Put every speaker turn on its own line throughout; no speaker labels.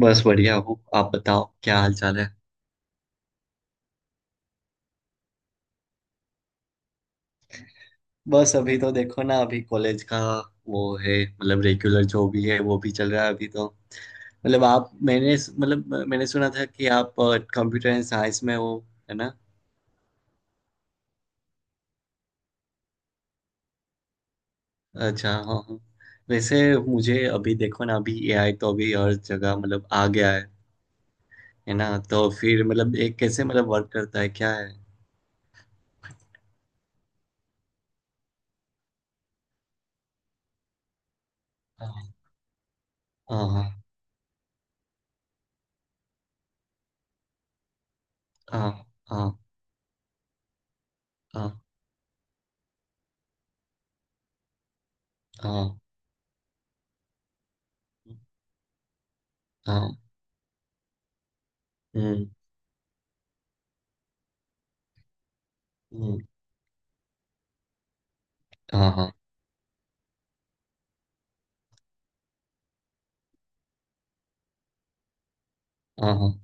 बस बढ़िया हूँ। आप बताओ क्या हाल चाल है। बस अभी तो देखो ना, अभी कॉलेज का वो है, मतलब रेगुलर जो भी है वो भी चल रहा है अभी तो। मतलब आप, मैंने सुना था कि आप कंप्यूटर एंड साइंस में हो, है ना? अच्छा हाँ हाँ। वैसे मुझे अभी देखो ना, अभी एआई तो अभी हर जगह मतलब आ गया है ना? तो फिर मतलब एक कैसे मतलब वर्क करता है, क्या है? हाँ। हाँ। हाँ। हाँ। हाँ, हाँ, हाँ, हाँ, हम्म। हम्म। हाँ। हाँ। हाँ। हाँ।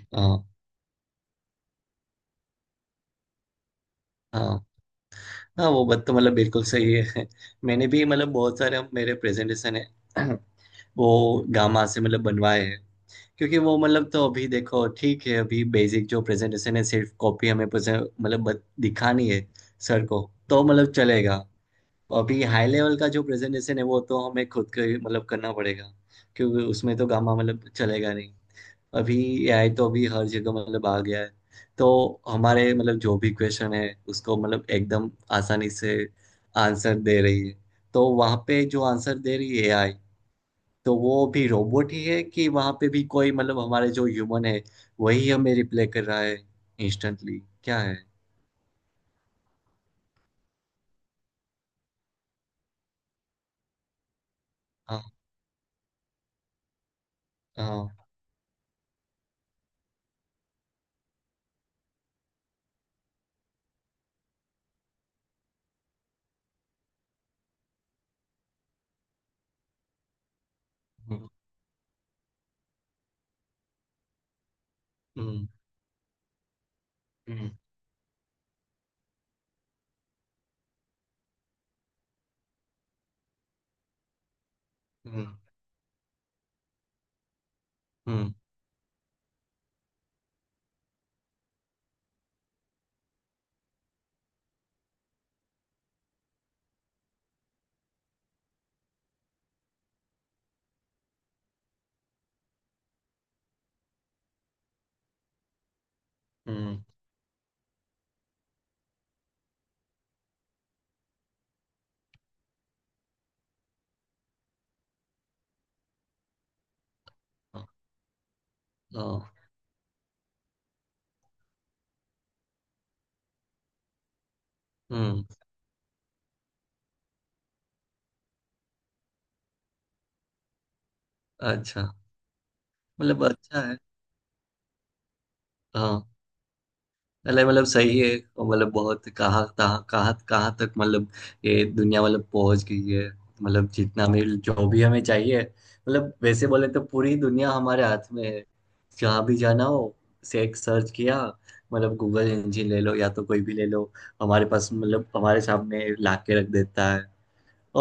हाँ। हाँ हाँ। वो बात तो मतलब बिल्कुल सही है। मैंने भी मतलब बहुत सारे, अब मेरे प्रेजेंटेशन है वो गामा से मतलब बनवाए हैं। क्योंकि वो मतलब तो अभी देखो, ठीक है, अभी बेसिक जो प्रेजेंटेशन है सिर्फ कॉपी हमें मतलब दिखानी है सर को। तो मतलब चलेगा। अभी हाई लेवल का जो प्रेजेंटेशन है वो तो हमें खुद को ही मतलब करना पड़ेगा। क्योंकि उसमें तो गामा मतलब चलेगा नहीं अभी। एआई तो अभी हर जगह मतलब आ गया है। तो हमारे मतलब जो भी क्वेश्चन है, उसको मतलब एकदम आसानी से आंसर दे रही है। तो वहाँ पे जो आंसर दे रही है एआई, तो वो भी रोबोट ही है कि वहाँ पे भी कोई मतलब हमारे जो ह्यूमन है वही हमें रिप्लाई कर रहा है इंस्टेंटली, क्या है। हाँ हाँ। हम्म। हम्म। हम्म। हम्म। हम्म। हम्म, हाँ, हाँ, हम्म, अच्छा मतलब अच्छा है। हाँ। अरे मतलब सही है। और मतलब बहुत, कहाँ तहाँ, कहाँ कहाँ तक मतलब ये दुनिया मतलब पहुंच गई है। मतलब जितना भी जो भी हमें चाहिए, मतलब वैसे बोले तो पूरी दुनिया हमारे हाथ में है। जहाँ भी जाना हो, से एक सर्च किया, मतलब गूगल इंजन ले लो या तो कोई भी ले लो, हमारे पास मतलब हमारे सामने ला के रख देता है।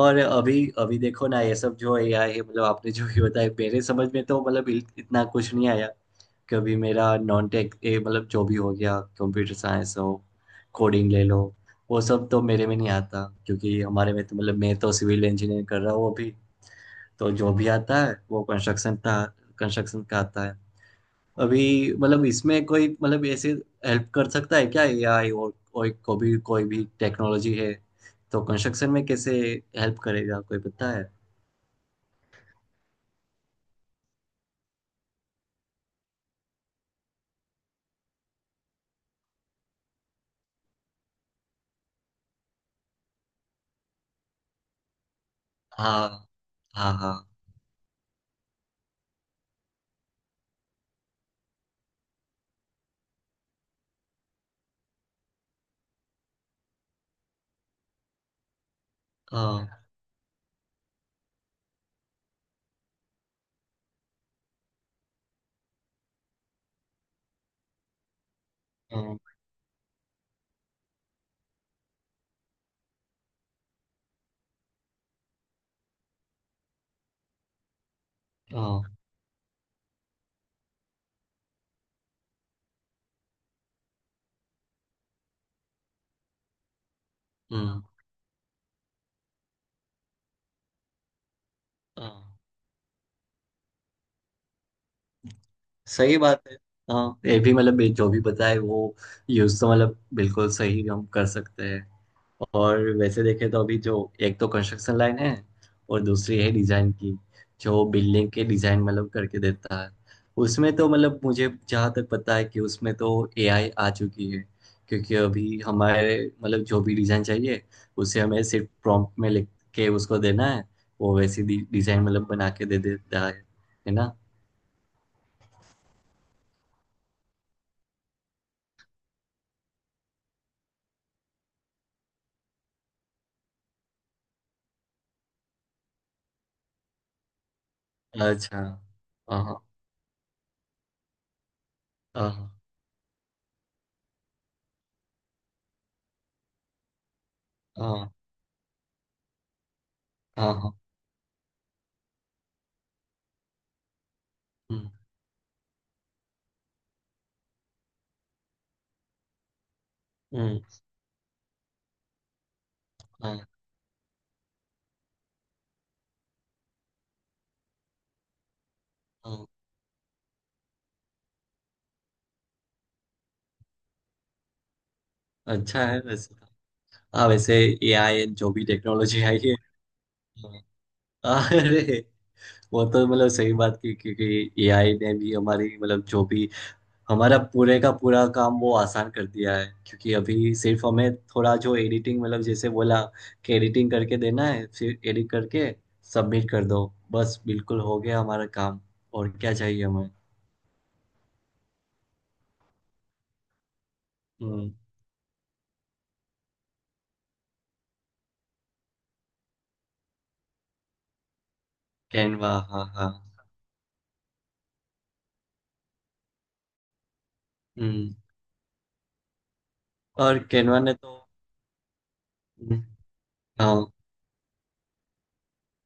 और अभी अभी देखो ना, ये सब जो एआई है मतलब आपने जो भी बताया मेरे समझ में तो मतलब इतना कुछ नहीं आया कभी। मेरा नॉन टेक ए मतलब जो भी हो गया, कंप्यूटर साइंस हो, कोडिंग ले लो, वो सब तो मेरे में नहीं आता। क्योंकि हमारे में तो मतलब मैं तो सिविल इंजीनियरिंग कर रहा हूँ अभी। तो जो भी आता है वो कंस्ट्रक्शन का आता है। अभी मतलब इसमें कोई मतलब ऐसे हेल्प कर सकता है क्या एआई? और कोई को भी, कोई भी टेक्नोलॉजी है तो कंस्ट्रक्शन में कैसे हेल्प करेगा, कोई पता है? हाँ। हाँ। हाँ। हाँ। हाँ। हाँ। हाँ, हाँ, सही बात है। हाँ ये भी मतलब जो भी बताए वो यूज तो मतलब बिल्कुल सही हम कर सकते हैं। और वैसे देखें तो अभी जो, एक तो कंस्ट्रक्शन लाइन है, और दूसरी है डिजाइन की, जो बिल्डिंग के डिजाइन मतलब करके देता है। उसमें तो मतलब मुझे जहाँ तक पता है कि उसमें तो एआई आ चुकी है। क्योंकि अभी हमारे मतलब जो भी डिजाइन चाहिए, उसे हमें सिर्फ प्रॉम्प्ट में लिख के उसको देना है। वो वैसी डिजाइन मतलब बना के दे देता है ना? अच्छा हाँ हाँ। हाँ हाँ। हाँ। हम्म। हम्म, हाँ हाँ। अच्छा है वैसे तो। हाँ वैसे AI जो भी टेक्नोलॉजी आई है। हाँ, अरे वो तो मतलब सही बात की, क्योंकि AI ने भी हमारी मतलब जो भी, हमारा पूरे का पूरा काम वो आसान कर दिया है। क्योंकि अभी सिर्फ हमें थोड़ा जो एडिटिंग मतलब जैसे बोला कि एडिटिंग करके देना है, फिर एडिट करके सबमिट कर दो, बस बिल्कुल हो गया हमारा काम। और क्या चाहिए हमें? हम्म। कैनवा हाँ हाँ। हम्म। और केनवा ने तो, हाँ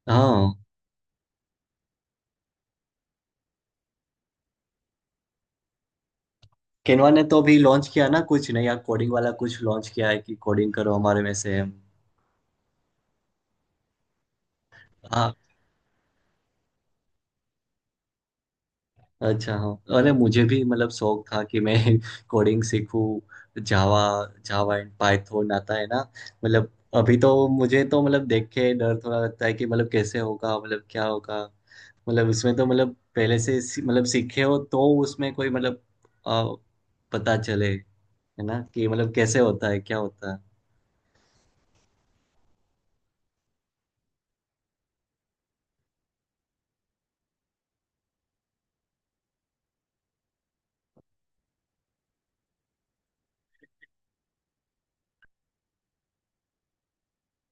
हाँ, केनवा ने तो अभी लॉन्च किया ना कुछ नया, कोडिंग वाला कुछ लॉन्च किया है कि कोडिंग करो हमारे में से। हाँ। अच्छा हाँ, अरे मुझे भी मतलब शौक था कि मैं कोडिंग सीखूं, जावा। जावा एंड पाइथन आता है ना। मतलब अभी तो मुझे तो मतलब देख के डर थोड़ा लगता है कि मतलब कैसे होगा, मतलब क्या होगा। मतलब उसमें तो मतलब पहले से मतलब सीखे हो तो उसमें कोई मतलब अ, पता चले, है ना, कि मतलब कैसे होता है क्या होता है।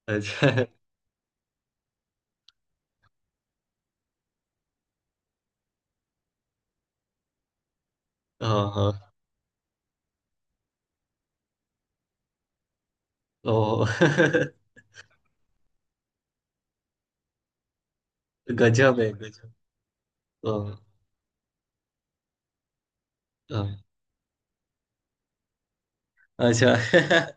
अच्छा हाँ हाँ। ओ गजब है गजब। ओ, हाँ अच्छा।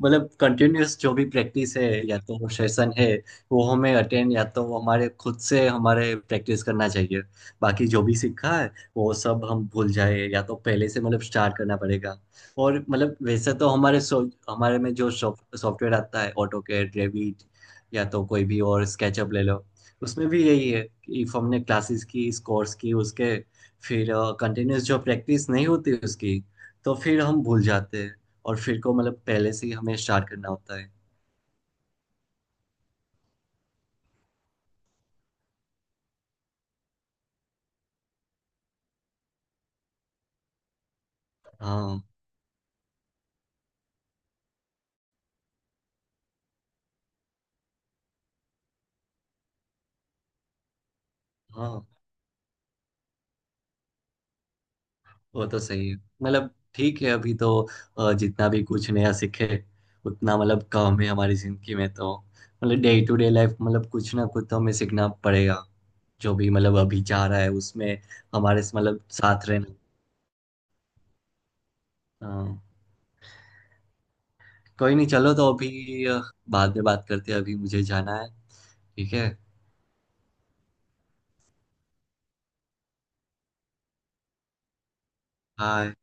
मतलब कंटिन्यूअस जो भी प्रैक्टिस है या तो वो सेशन है वो हमें अटेंड, या तो वो हमारे खुद से हमारे प्रैक्टिस करना चाहिए। बाकी जो भी सीखा है वो सब हम भूल जाए या तो पहले से मतलब स्टार्ट करना पड़ेगा। और मतलब वैसे तो हमारे सो हमारे में जो सॉफ्टवेयर आता है ऑटो कैड, रेविट या तो कोई भी, और स्केचअप ले लो। उसमें भी यही है कि इफ हमने क्लासेस की इस कोर्स की, उसके फिर कंटिन्यूअस जो प्रैक्टिस नहीं होती उसकी, तो फिर हम भूल जाते हैं। और फिर को मतलब पहले से ही हमें स्टार्ट करना होता है। हाँ। हाँ वो तो सही है मतलब। ठीक है अभी तो जितना भी कुछ नया सीखे उतना मतलब कम है हमारी जिंदगी में तो। मतलब डे टू डे लाइफ मतलब कुछ ना कुछ तो हमें सीखना पड़ेगा, जो भी मतलब अभी जा रहा है उसमें। हमारे मतलब साथ रहना। हाँ। कोई नहीं, चलो तो अभी बाद में बात करते हैं, अभी मुझे जाना है। ठीक है। हाँ।